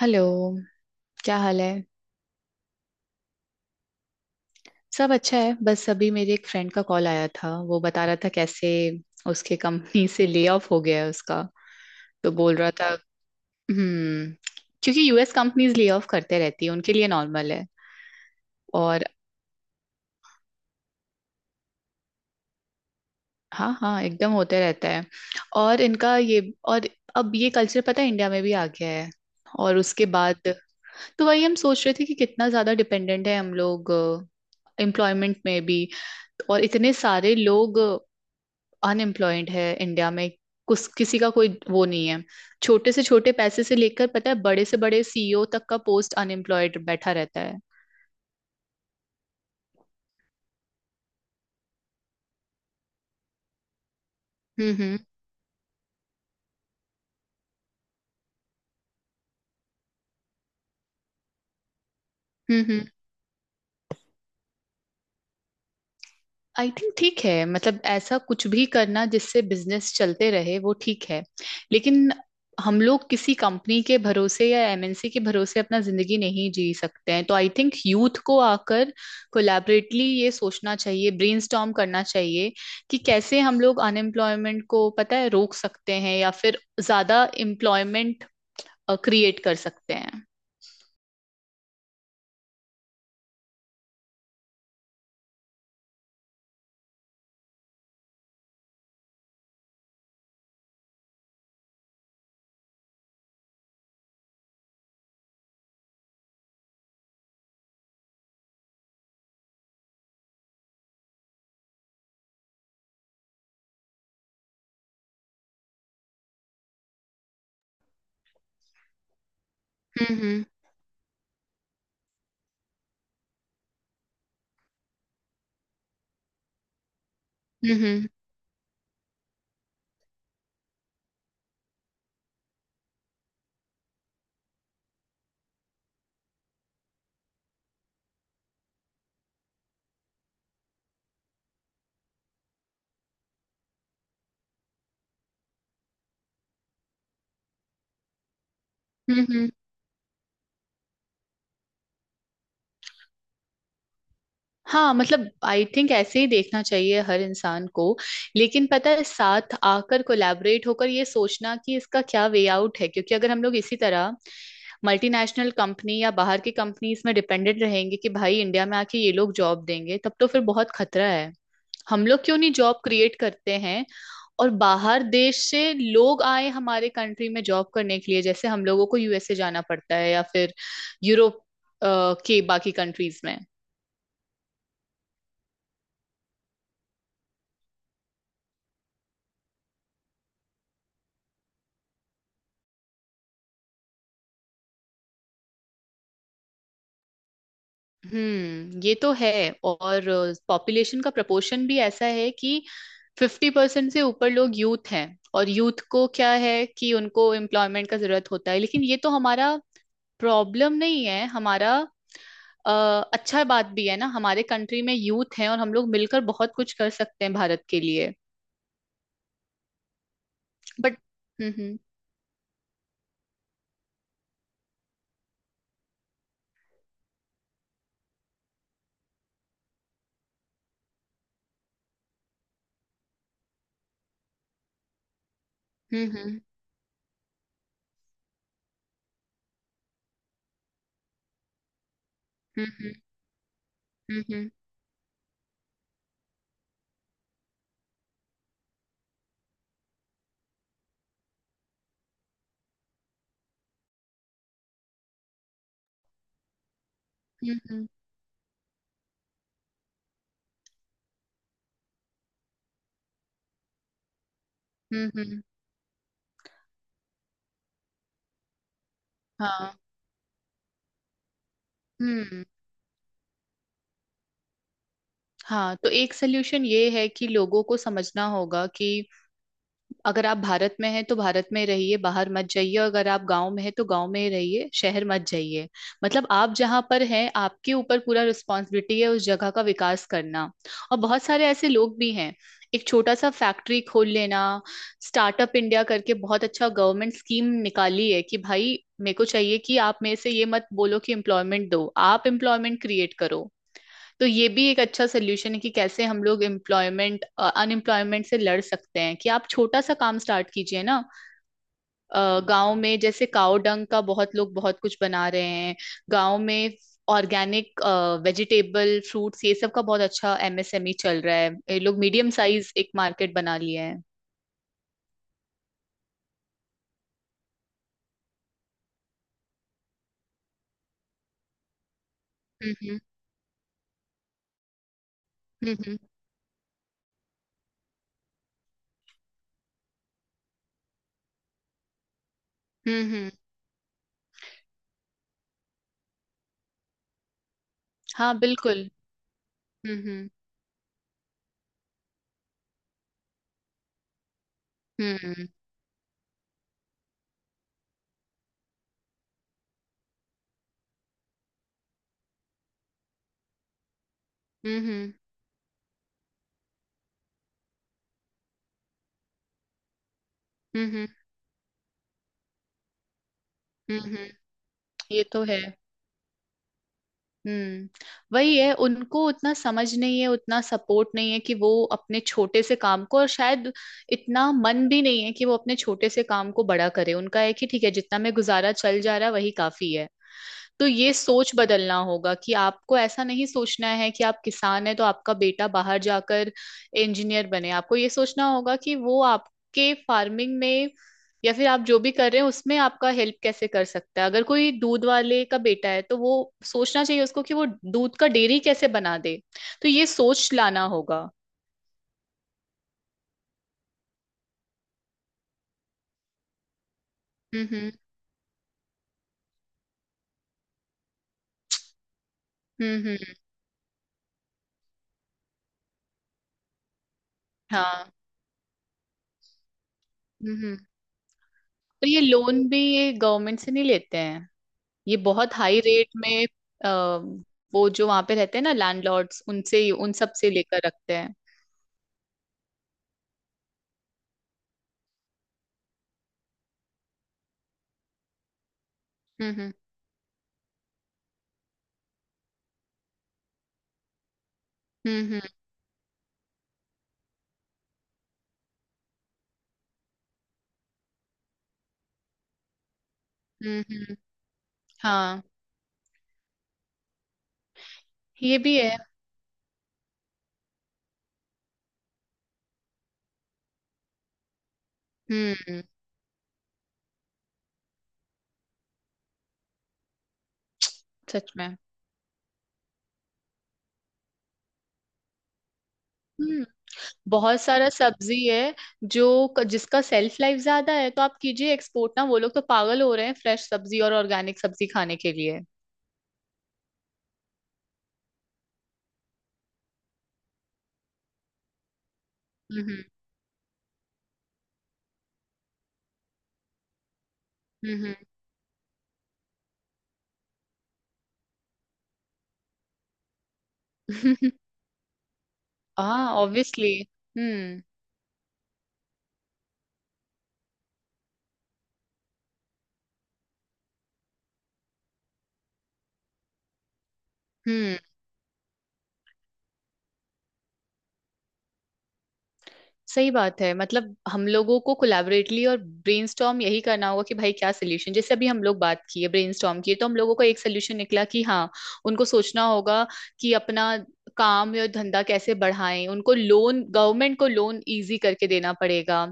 Hello. क्या हाल है? सब अच्छा है। बस अभी मेरे एक फ्रेंड का कॉल आया था, वो बता रहा था कैसे उसके कंपनी से ले ऑफ हो गया है उसका। तो बोल रहा था। हम्म। क्योंकि यूएस कंपनीज ले ऑफ करते रहती है, उनके लिए नॉर्मल है। और हाँ हाँ, एकदम होते रहता है। और इनका ये। और अब ये कल्चर पता है इंडिया में भी आ गया है। और उसके बाद तो वही हम सोच रहे थे कि कितना ज्यादा डिपेंडेंट है हम लोग एम्प्लॉयमेंट में भी। और इतने सारे लोग अनएम्प्लॉयड है इंडिया में। कुछ किसी का कोई वो नहीं है। छोटे से छोटे पैसे से लेकर पता है बड़े से बड़े सीईओ तक का पोस्ट अनएम्प्लॉयड बैठा रहता है। हम्म। हम्म। हम्म। आई थिंक ठीक है, मतलब ऐसा कुछ भी करना जिससे बिजनेस चलते रहे वो ठीक है। लेकिन हम लोग किसी कंपनी के भरोसे या एमएनसी के भरोसे अपना जिंदगी नहीं जी सकते हैं, तो आई थिंक यूथ को आकर कोलैबोरेटली ये सोचना चाहिए, ब्रेनस्टॉर्म करना चाहिए कि कैसे हम लोग अनएम्प्लॉयमेंट को पता है रोक सकते हैं या फिर ज्यादा एम्प्लॉयमेंट क्रिएट कर सकते हैं। हम्म। हम्म। हम्म। हम्म। हाँ मतलब आई थिंक ऐसे ही देखना चाहिए हर इंसान को। लेकिन पता है साथ आकर कोलैबोरेट होकर ये सोचना कि इसका क्या वे आउट है, क्योंकि अगर हम लोग इसी तरह मल्टीनेशनल कंपनी या बाहर की कंपनीज में डिपेंडेंट रहेंगे कि भाई इंडिया में आके ये लोग जॉब देंगे, तब तो फिर बहुत खतरा है। हम लोग क्यों नहीं जॉब क्रिएट करते हैं और बाहर देश से लोग आए हमारे कंट्री में जॉब करने के लिए जैसे हम लोगों को यूएसए जाना पड़ता है या फिर यूरोप अ, के बाकी कंट्रीज में। हम्म। ये तो है। और पॉपुलेशन का प्रपोर्शन भी ऐसा है कि 50% से ऊपर लोग यूथ हैं। और यूथ को क्या है कि उनको एम्प्लॉयमेंट का जरूरत होता है, लेकिन ये तो हमारा प्रॉब्लम नहीं है हमारा। अ, अच्छा बात भी है ना हमारे कंट्री में यूथ हैं और हम लोग मिलकर बहुत कुछ कर सकते हैं भारत के लिए। बट। हम्म। हम्म। हम्म। हम्म। हम्म। हम्म। हम्म। हम्म। हम्म। हम्म, हम्म, हम्म, हाँ। हम्म। हाँ तो एक सोल्यूशन ये है कि लोगों को समझना होगा कि अगर आप भारत में हैं तो भारत में रहिए, बाहर मत जाइए। अगर आप गांव में हैं तो गांव में ही रहिए, शहर मत जाइए। मतलब आप जहां पर हैं आपके ऊपर पूरा रिस्पॉन्सिबिलिटी है उस जगह का विकास करना। और बहुत सारे ऐसे लोग भी हैं। एक छोटा सा फैक्ट्री खोल लेना। स्टार्टअप इंडिया करके बहुत अच्छा गवर्नमेंट स्कीम निकाली है कि भाई मेरे को चाहिए कि आप मेरे से ये मत बोलो कि एम्प्लॉयमेंट दो, आप एम्प्लॉयमेंट क्रिएट करो। तो ये भी एक अच्छा सोल्यूशन है कि कैसे हम लोग एम्प्लॉयमेंट अनएम्प्लॉयमेंट से लड़ सकते हैं कि आप छोटा सा काम स्टार्ट कीजिए ना। गांव में जैसे काव डंग का बहुत लोग बहुत कुछ बना रहे हैं गांव में। ऑर्गेनिक वेजिटेबल फ्रूट्स ये सब का बहुत अच्छा एमएसएमई चल रहा है, ये लोग मीडियम साइज एक मार्केट बना लिए हैं। हम्म। हम्म। हम्म। हम्म। हम्म। हाँ बिल्कुल। हम्म। हम्म। हम्म। हम्म। हम्म। हम्म। हम्म। ये तो है। हम्म। वही है। उनको उतना समझ नहीं है, उतना सपोर्ट नहीं है कि वो अपने छोटे से काम को, और शायद इतना मन भी नहीं है कि वो अपने छोटे से काम को बड़ा करे। उनका है कि ठीक है, जितना में गुजारा चल जा रहा है वही काफी है। तो ये सोच बदलना होगा कि आपको ऐसा नहीं सोचना है कि आप किसान हैं तो आपका बेटा बाहर जाकर इंजीनियर बने। आपको ये सोचना होगा कि वो आपके फार्मिंग में या फिर आप जो भी कर रहे हैं उसमें आपका हेल्प कैसे कर सकता है। अगर कोई दूध वाले का बेटा है तो वो सोचना चाहिए उसको कि वो दूध का डेयरी कैसे बना दे। तो ये सोच लाना होगा। हम्म। हम्म। हम्म। हम्म। हाँ। हम्म। हम्म। और ये लोन भी ये गवर्नमेंट से नहीं लेते हैं, ये बहुत हाई रेट में। अ, वो जो वहां पे रहते हैं ना लैंडलॉर्ड्स उनसे ही उन सब से लेकर रखते हैं। हम्म। हम्म। हम्म। हम्म। हाँ, ये भी है। हम्म। सच में। हम्म। बहुत सारा सब्जी है जो जिसका सेल्फ लाइफ ज्यादा है, तो आप कीजिए एक्सपोर्ट ना। वो लोग तो पागल हो रहे हैं फ्रेश सब्जी और ऑर्गेनिक सब्जी खाने के लिए। हम्म। हम्म। हम्म। हाँ, ऑब्वियसली। हम्म। हम्म। सही बात है, मतलब हम लोगों को कोलैबोरेटली और ब्रेनस्टॉर्म यही करना होगा कि भाई क्या सोल्यूशन। जैसे अभी हम लोग बात की है, ब्रेनस्टॉर्म की, तो हम लोगों को एक सोल्यूशन निकला कि हाँ, उनको सोचना होगा कि अपना काम या धंधा कैसे बढ़ाएं। उनको लोन, गवर्नमेंट को लोन इजी करके देना पड़ेगा।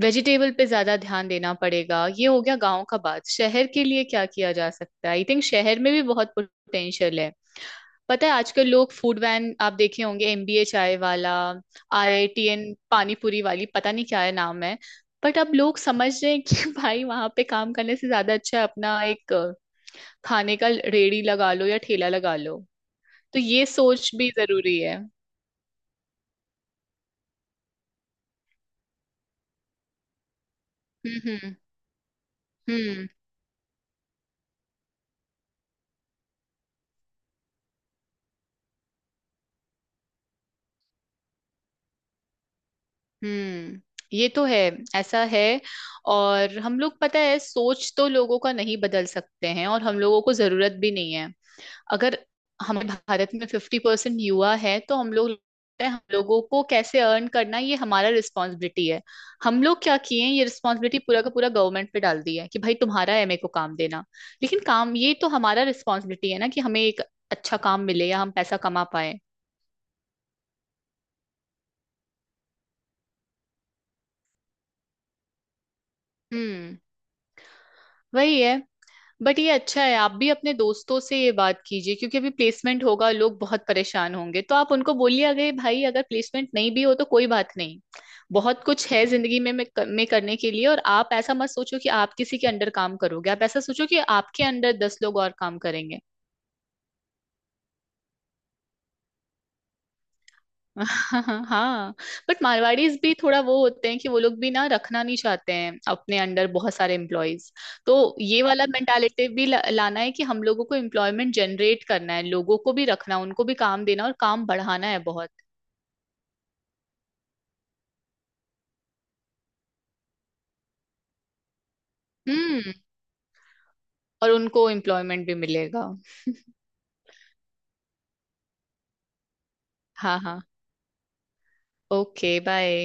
वेजिटेबल पे ज्यादा ध्यान देना पड़ेगा। ये हो गया गांव का बात, शहर के लिए क्या किया जा सकता है? आई थिंक शहर में भी बहुत पोटेंशियल है। पता है आजकल लोग फूड वैन आप देखे होंगे एमबीए चाय वाला, आरआईटीएन, पानी पूरी वाली, पता नहीं क्या है नाम है। बट अब लोग समझ रहे हैं कि भाई वहां पे काम करने से ज्यादा अच्छा है अपना एक खाने का रेड़ी लगा लो या ठेला लगा लो। तो ये सोच भी जरूरी है। हम्म। हम्म। हम्म। हम्म। ये तो है। ऐसा है। और हम लोग पता है सोच तो लोगों का नहीं बदल सकते हैं, और हम लोगों को जरूरत भी नहीं है। अगर हमें भारत में 50% युवा है तो हम लोग, हम लोगों को कैसे अर्न करना ये हमारा रिस्पॉन्सिबिलिटी है। हम लोग क्या किए हैं, ये रिस्पॉन्सिबिलिटी पूरा का पूरा गवर्नमेंट पे डाल दी है कि भाई तुम्हारा है मेरे को काम देना। लेकिन काम ये तो हमारा रिस्पॉन्सिबिलिटी है ना कि हमें एक अच्छा काम मिले या हम पैसा कमा पाए। हम्म। वही है। बट ये अच्छा है, आप भी अपने दोस्तों से ये बात कीजिए क्योंकि अभी प्लेसमेंट होगा, लोग बहुत परेशान होंगे, तो आप उनको बोलिए अगर भाई अगर प्लेसमेंट नहीं भी हो तो कोई बात नहीं। बहुत कुछ है जिंदगी में करने के लिए। और आप ऐसा मत सोचो कि आप किसी के अंडर काम करोगे, आप ऐसा सोचो कि आपके अंडर 10 लोग और काम करेंगे। हाँ। बट मारवाड़ीज भी थोड़ा वो होते हैं कि वो लोग भी ना रखना नहीं चाहते हैं अपने अंडर बहुत सारे एम्प्लॉयज। तो ये वाला मेंटालिटी भी लाना है कि हम लोगों को एम्प्लॉयमेंट जनरेट करना है, लोगों को भी रखना, उनको भी काम देना और काम बढ़ाना है बहुत। हम्म। और उनको एम्प्लॉयमेंट भी मिलेगा। हाँ हाँ। Okay bye.